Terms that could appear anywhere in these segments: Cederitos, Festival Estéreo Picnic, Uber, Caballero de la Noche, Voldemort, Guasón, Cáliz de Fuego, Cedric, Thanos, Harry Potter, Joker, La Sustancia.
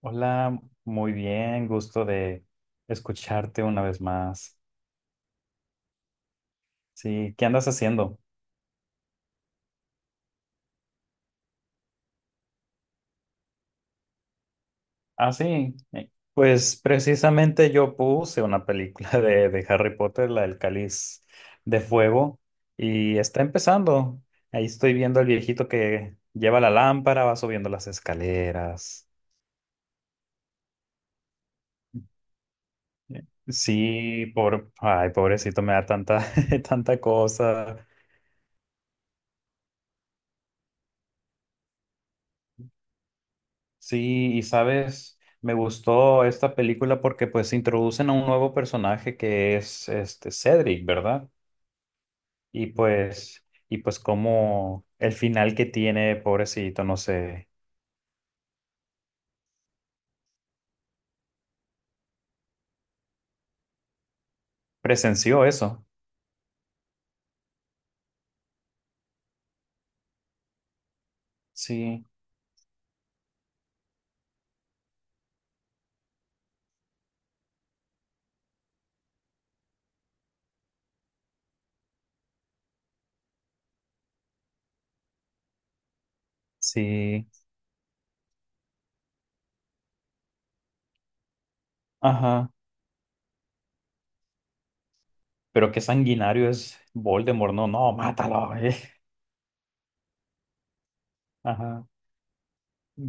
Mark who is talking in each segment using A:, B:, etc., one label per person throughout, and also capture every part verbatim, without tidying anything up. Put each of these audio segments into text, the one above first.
A: Hola, muy bien, gusto de escucharte una vez más. Sí, ¿qué andas haciendo? Ah, sí, eh, pues precisamente yo puse una película de, de Harry Potter, la del Cáliz de Fuego, y está empezando. Ahí estoy viendo al viejito que lleva la lámpara, va subiendo las escaleras. Sí, por, ay, pobrecito, me da tanta, tanta cosa. Sí, y sabes, me gustó esta película porque pues introducen a un nuevo personaje que es este Cedric, ¿verdad? Y pues, y pues como el final que tiene, pobrecito, no sé, presenció eso. Sí, sí, ajá. Pero qué sanguinario es Voldemort, no, no, mátalo, eh. Ajá.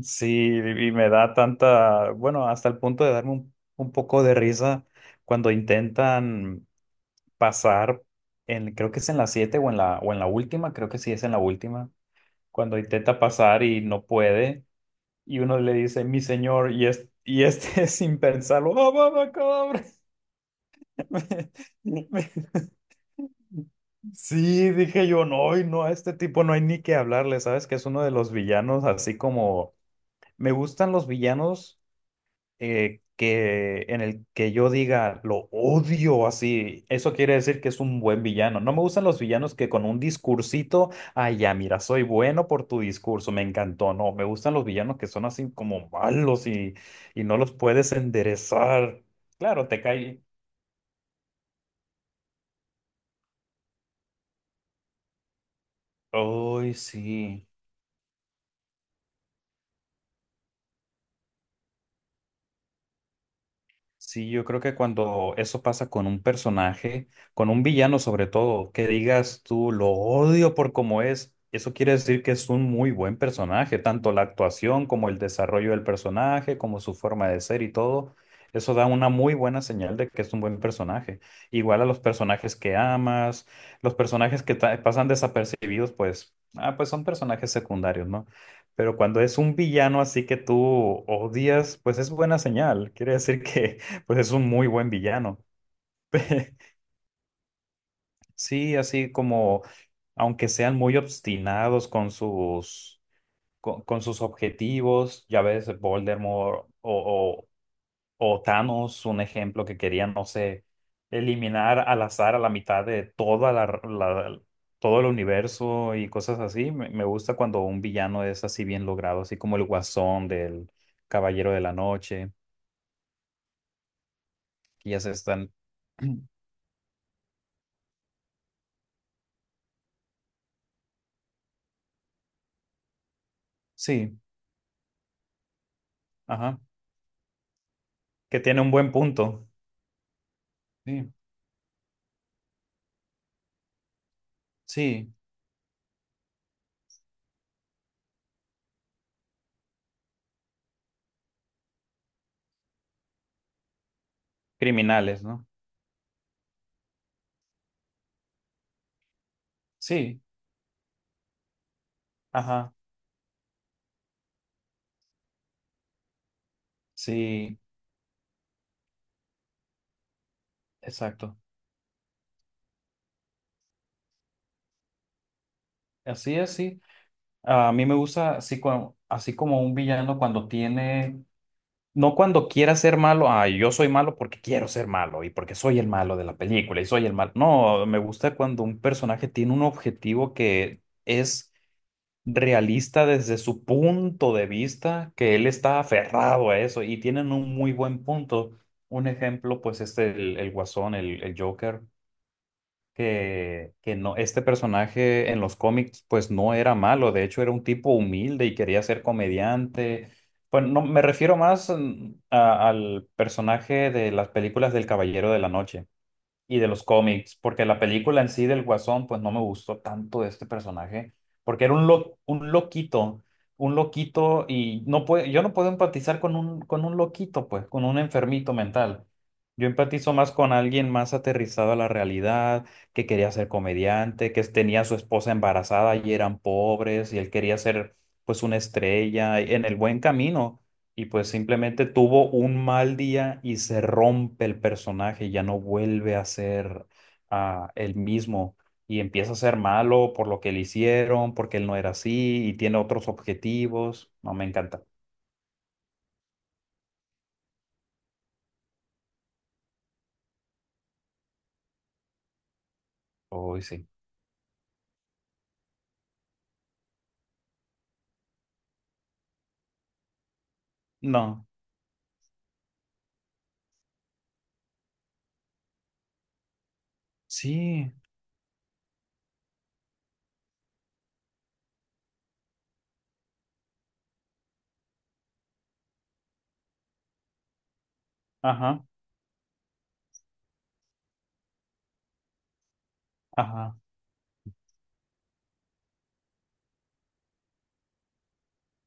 A: Sí, y me da tanta, bueno, hasta el punto de darme un, un poco de risa cuando intentan pasar, en, creo que es en la siete o en la, o en la última, creo que sí es en la última, cuando intenta pasar y no puede, y uno le dice, mi señor, y, es, y este sin pensarlo, ¡Ah, abacadabra! Me- me- Sí, dije yo, no, y no, a este tipo no hay ni que hablarle, ¿sabes? Que es uno de los villanos, así como me gustan los villanos, eh, que en el que yo diga lo odio, así, eso quiere decir que es un buen villano. No me gustan los villanos que con un discursito, ay, ya, mira, soy bueno por tu discurso, me encantó. No, me gustan los villanos que son así como malos y, y no los puedes enderezar. Claro, te cae. Ay, sí. Sí, yo creo que cuando eso pasa con un personaje, con un villano sobre todo, que digas tú lo odio por cómo es, eso quiere decir que es un muy buen personaje, tanto la actuación como el desarrollo del personaje, como su forma de ser y todo, eso da una muy buena señal de que es un buen personaje. Igual a los personajes que amas, los personajes que ta- pasan desapercibidos, pues, ah, pues son personajes secundarios, ¿no? Pero cuando es un villano así que tú odias, pues es buena señal. Quiere decir que pues es un muy buen villano. Sí, así como, aunque sean muy obstinados con sus, con, con sus objetivos, ya ves, Voldemort o, o, o Thanos, un ejemplo, que querían, no sé, eliminar al azar a la mitad de toda la, la- todo el universo y cosas así. Me, me gusta cuando un villano es así bien logrado, así como el Guasón del Caballero de la Noche, que ya se están... Sí, ajá, que tiene un buen punto. Sí, sí, criminales, ¿no? Sí, ajá, sí, exacto. Así es, sí. A mí me gusta así, cua- así como un villano cuando tiene, no cuando quiera ser malo, ah, yo soy malo porque quiero ser malo y porque soy el malo de la película y soy el malo. No, me gusta cuando un personaje tiene un objetivo que es realista desde su punto de vista, que él está aferrado a eso y tienen un muy buen punto. Un ejemplo, pues, es el, el Guasón, el, el Joker. que, que no, este personaje en los cómics, pues no era malo, de hecho era un tipo humilde y quería ser comediante. Pues no, me refiero más, mm, a- al personaje de las películas del Caballero de la Noche y de los cómics, porque la película en sí del Guasón, pues no me gustó tanto de este personaje, porque era un, lo- un loquito, un loquito, y no puede, yo no puedo empatizar con un, con un loquito, pues, con un enfermito mental. Yo empatizo más con alguien más aterrizado a la realidad, que quería ser comediante, que tenía a su esposa embarazada y eran pobres, y él quería ser, pues, una estrella en el buen camino, y pues simplemente tuvo un mal día y se rompe el personaje, ya no vuelve a ser ah, el mismo y empieza a ser malo por lo que le hicieron, porque él no era así y tiene otros objetivos. No, me encanta. Hoy sí. No. Sí. Ajá. Ajá.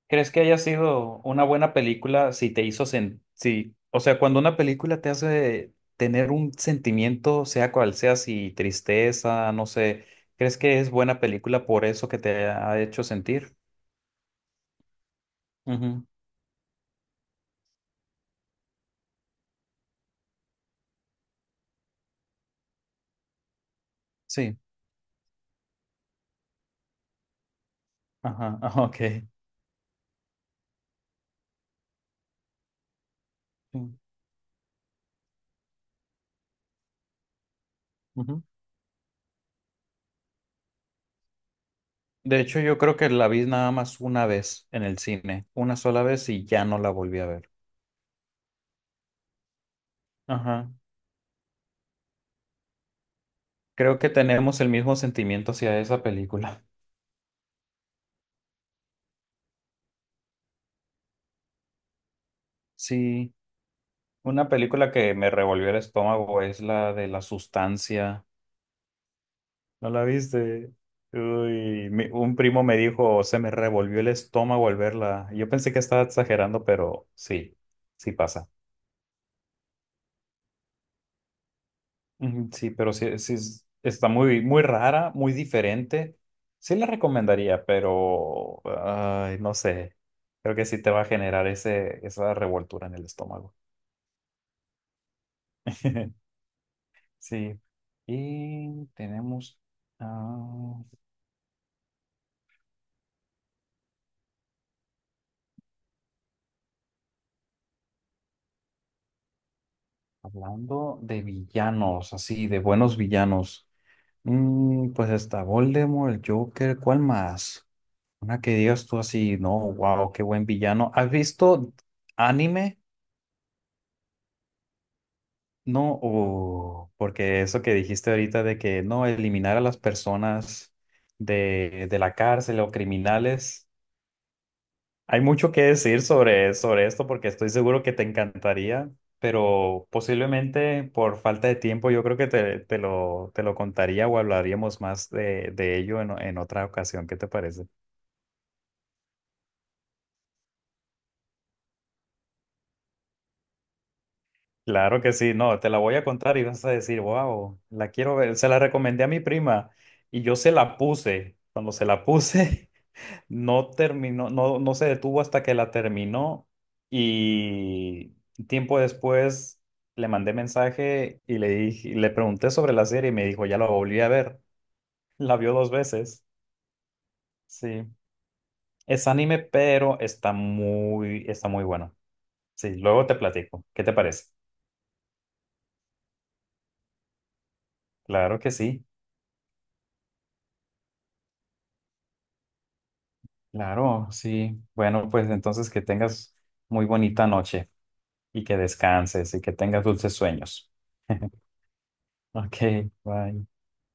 A: ¿Crees que haya sido una buena película si te hizo sen- si, o sea, cuando una película te hace tener un sentimiento, sea cual sea, si tristeza, no sé, ¿crees que es buena película por eso que te ha hecho sentir? Ujú. Sí, ajá, ajá, ok. Mm, ujú. De hecho, yo creo que la vi nada más una vez en el cine, una sola vez y ya no la volví a ver. Ajá. Creo que tenemos el mismo sentimiento hacia esa película. Sí. Una película que me revolvió el estómago es la de La Sustancia. ¿No la viste? Uy, mi- un primo me dijo, se me revolvió el estómago al verla. Yo pensé que estaba exagerando, pero sí, sí pasa. Ujú. Sí, pero sí, sí es- está muy, muy rara, muy diferente. Sí la recomendaría, pero ay, no sé. Creo que sí te va a generar ese, esa revoltura en el estómago. Sí. Y tenemos. ah, Hablando de villanos, así, de buenos villanos. Mm, pues está Voldemort, el Joker, ¿cuál más? Una que digas tú así, no, wow, qué buen villano. ¿Has visto anime? No, o- porque eso que dijiste ahorita de que no, eliminar a las personas de, de la cárcel o criminales. Hay mucho que decir sobre, sobre esto porque estoy seguro que te encantaría, pero posiblemente por falta de tiempo yo creo que te, te lo, te lo contaría o hablaríamos más de, de ello en, en otra ocasión. ¿Qué te parece? Claro que sí, no, te la voy a contar y vas a decir, wow, la quiero ver. Se la recomendé a mi prima y yo se la puse. Cuando se la puse... No terminó, no, no se detuvo hasta que la terminó y tiempo después le mandé mensaje y le dije, le pregunté sobre la serie y me dijo, ya la volví a ver. La vio dos veces. Sí. Es anime, pero está muy, está muy bueno. Sí, luego te platico. ¿Qué te parece? Claro que sí. Claro, sí. Bueno, pues entonces que tengas muy bonita noche y que descanses y que tengas dulces sueños. Ok, bye.